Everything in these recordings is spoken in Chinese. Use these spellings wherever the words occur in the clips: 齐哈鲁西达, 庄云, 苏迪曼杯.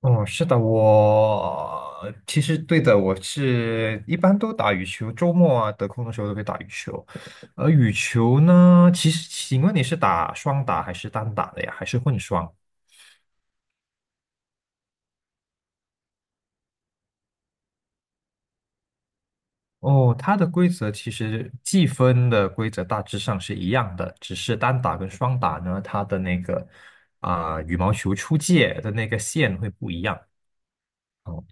哦，是的，我其实对的，一般都打羽球，周末啊得空的时候都会打羽球。而羽球呢，其实请问你是打双打还是单打的呀？还是混双？哦，它的规则其实计分的规则大致上是一样的，只是单打跟双打呢，它的那个羽毛球出界的那个线会不一样。哦。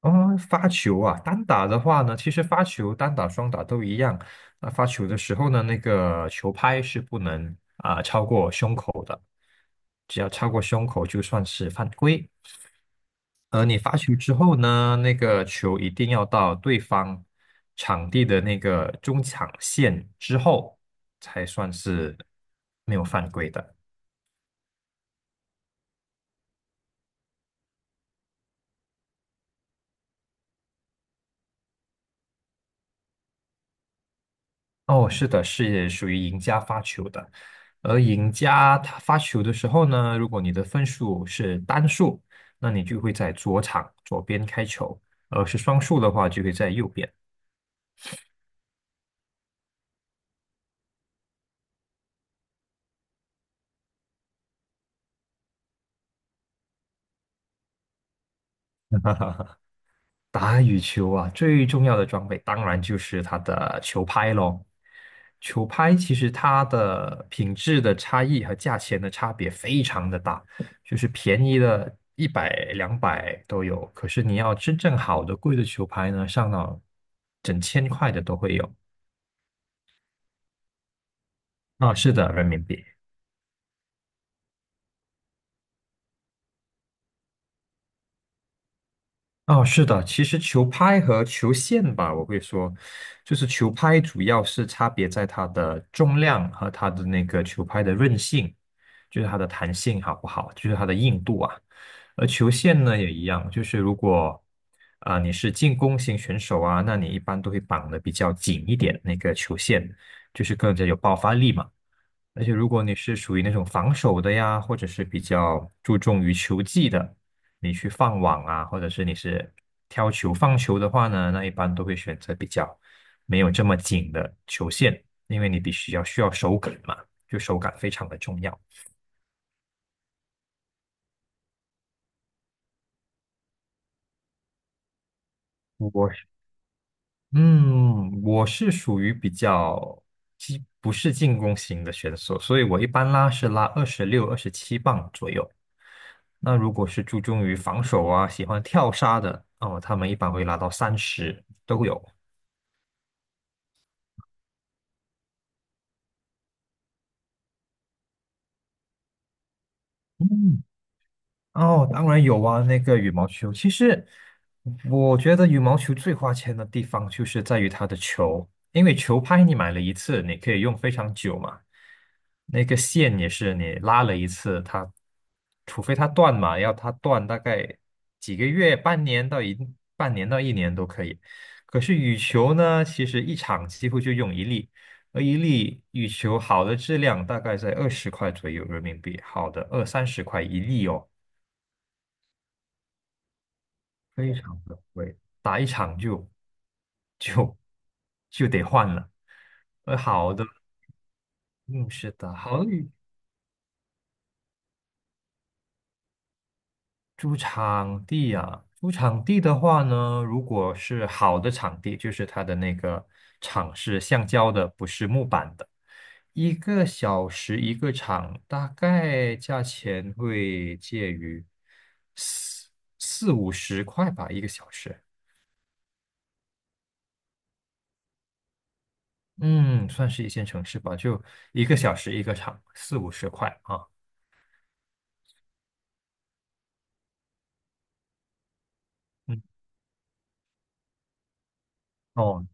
哦，发球啊，单打的话呢，其实发球单打、双打都一样。那发球的时候呢，那个球拍是不能超过胸口的，只要超过胸口就算是犯规。而你发球之后呢，那个球一定要到对方场地的那个中场线之后，才算是没有犯规的。哦，是的，是属于赢家发球的。而赢家他发球的时候呢，如果你的分数是单数，那你就会在左场左边开球；而是双数的话，就会在右边。打羽球啊，最重要的装备当然就是它的球拍咯。球拍其实它的品质的差异和价钱的差别非常的大，就是便宜的一百两百都有，可是你要真正好的贵的球拍呢，上到整千块的都会有。啊，是的，人民币。哦，是的，其实球拍和球线吧，我会说，就是球拍主要是差别在它的重量和它的那个球拍的韧性，就是它的弹性好不好，就是它的硬度啊。而球线呢也一样，就是如果你是进攻型选手啊，那你一般都会绑的比较紧一点，那个球线就是更加有爆发力嘛。而且如果你是属于那种防守的呀，或者是比较注重于球技的，你去放网啊，或者是你是挑球放球的话呢，那一般都会选择比较没有这么紧的球线，因为你必须要需要手感嘛，就手感非常的重要。我是嗯，我是属于比较既不是进攻型的选手，所以我一般拉是拉26、27磅左右。那如果是注重于防守啊，喜欢跳杀的，哦，他们一般会拉到三十都有。嗯，哦，当然有啊，那个羽毛球。其实我觉得羽毛球最花钱的地方就是在于它的球，因为球拍你买了一次，你可以用非常久嘛。那个线也是你拉了一次，它除非它断嘛，要它断大概几个月、半年到一年都可以。可是羽球呢，其实一场几乎就用一粒，而一粒羽球好的质量大概在20块左右人民币，好的二三十块一粒哦。非常的贵，打一场就就得换了。好的，嗯，是的，好的，租场地啊，租场地的话呢，如果是好的场地，就是它的那个场是橡胶的，不是木板的，一个小时一个场，大概价钱会介于四四五十块吧，一个小时。嗯，算是一线城市吧，就一个小时一个场，四五十块啊。嗯，哦，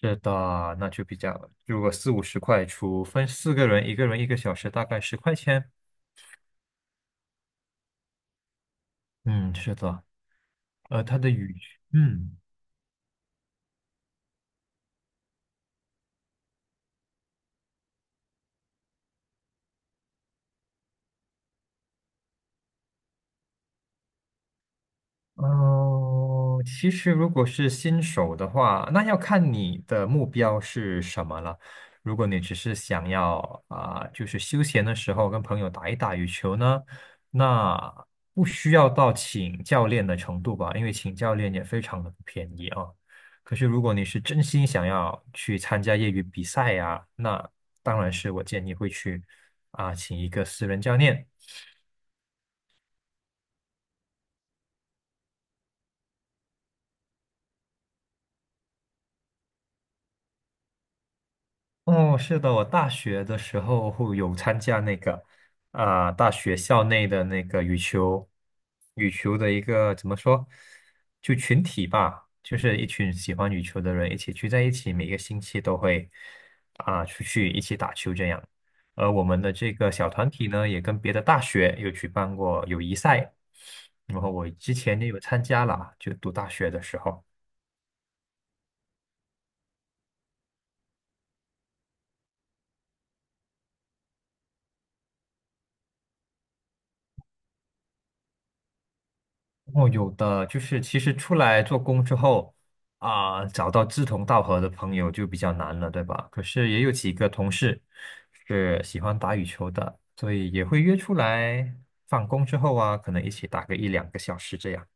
是的，那就比较，如果四五十块除分四个人，一个人一个小时，大概10块钱。嗯，是的，它的语，嗯。哦，其实如果是新手的话，那要看你的目标是什么了。如果你只是想要就是休闲的时候跟朋友打一打羽球呢，那不需要到请教练的程度吧，因为请教练也非常的不便宜啊。可是如果你是真心想要去参加业余比赛呀、那当然是我建议会去请一个私人教练。哦，是的，我大学的时候会有参加那个，大学校内的那个羽球，羽球的一个怎么说，就群体吧，就是一群喜欢羽球的人一起聚在一起，每个星期都会出去一起打球这样。而我们的这个小团体呢，也跟别的大学有举办过友谊赛，然后我之前也有参加了，就读大学的时候。哦，有的，就是其实出来做工之后啊，找到志同道合的朋友就比较难了，对吧？可是也有几个同事是喜欢打羽球的，所以也会约出来放工之后啊，可能一起打个一两个小时这样。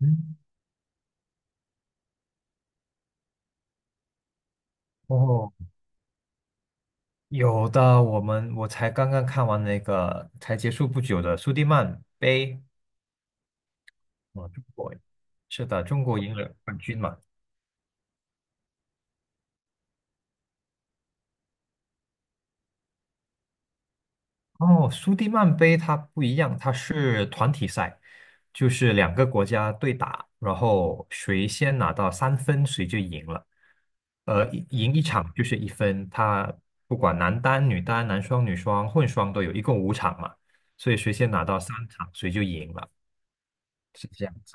嗯，哦，有的，我才刚刚看完那个才结束不久的苏迪曼杯，哦，中国，是的，中国赢了冠军嘛。哦，苏迪曼杯它不一样，它是团体赛，就是两个国家对打，然后谁先拿到3分，谁就赢了。一赢一场就是1分，它不管男单、女单、男双、女双、混双都有，一共5场嘛，所以谁先拿到3场，谁就赢了，是这样子。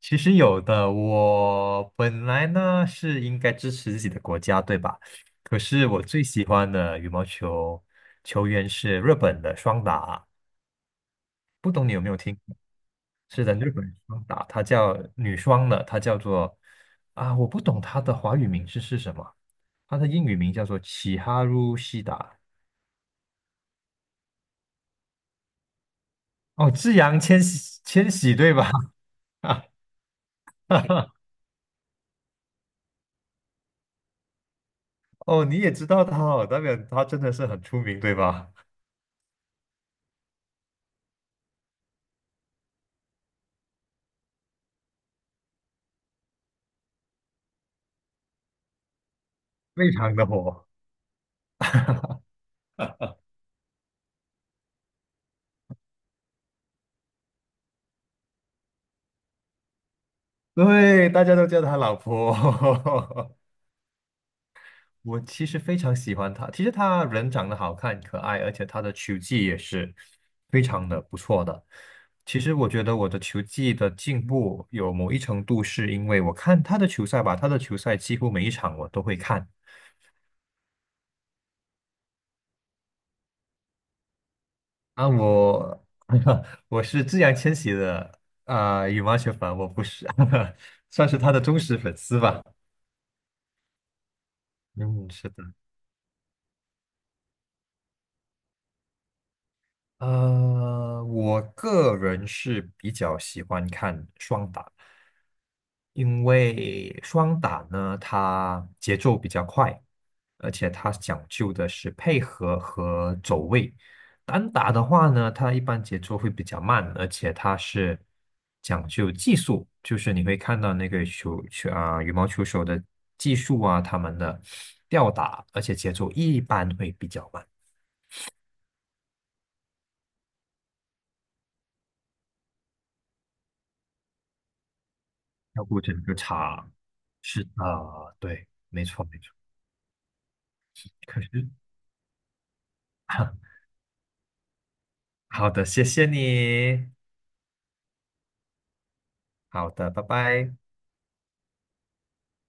其实有的，我本来呢是应该支持自己的国家，对吧？可是我最喜欢的羽毛球球员是日本的双打。不懂你有没有听？是的，日本双打，它叫女双的，它叫做啊，我不懂它的华语名字是什么，它的英语名叫做齐哈鲁西达。哦，志扬千玺，千玺对吧？哦，你也知道他哦，代表他真的是很出名对吧？非常的火，对，大家都叫他老婆。我其实非常喜欢他，其实他人长得好看、可爱，而且他的球技也是非常的不错的。其实我觉得我的球技的进步有某一程度是因为我看他的球赛吧，他的球赛几乎每一场我都会看。啊，我 我是自然千玺的羽毛球粉，我不是，算是他的忠实粉丝吧。嗯，是的。我个人是比较喜欢看双打，因为双打呢，它节奏比较快，而且它讲究的是配合和走位。单打的话呢，它一般节奏会比较慢，而且它是讲究技术，就是你会看到那个球球啊，羽毛球手的技术啊，他们的吊打，而且节奏一般会比较慢，要顾整个场。是的，对，没错没错。可是，好的，谢谢你。好的，拜拜。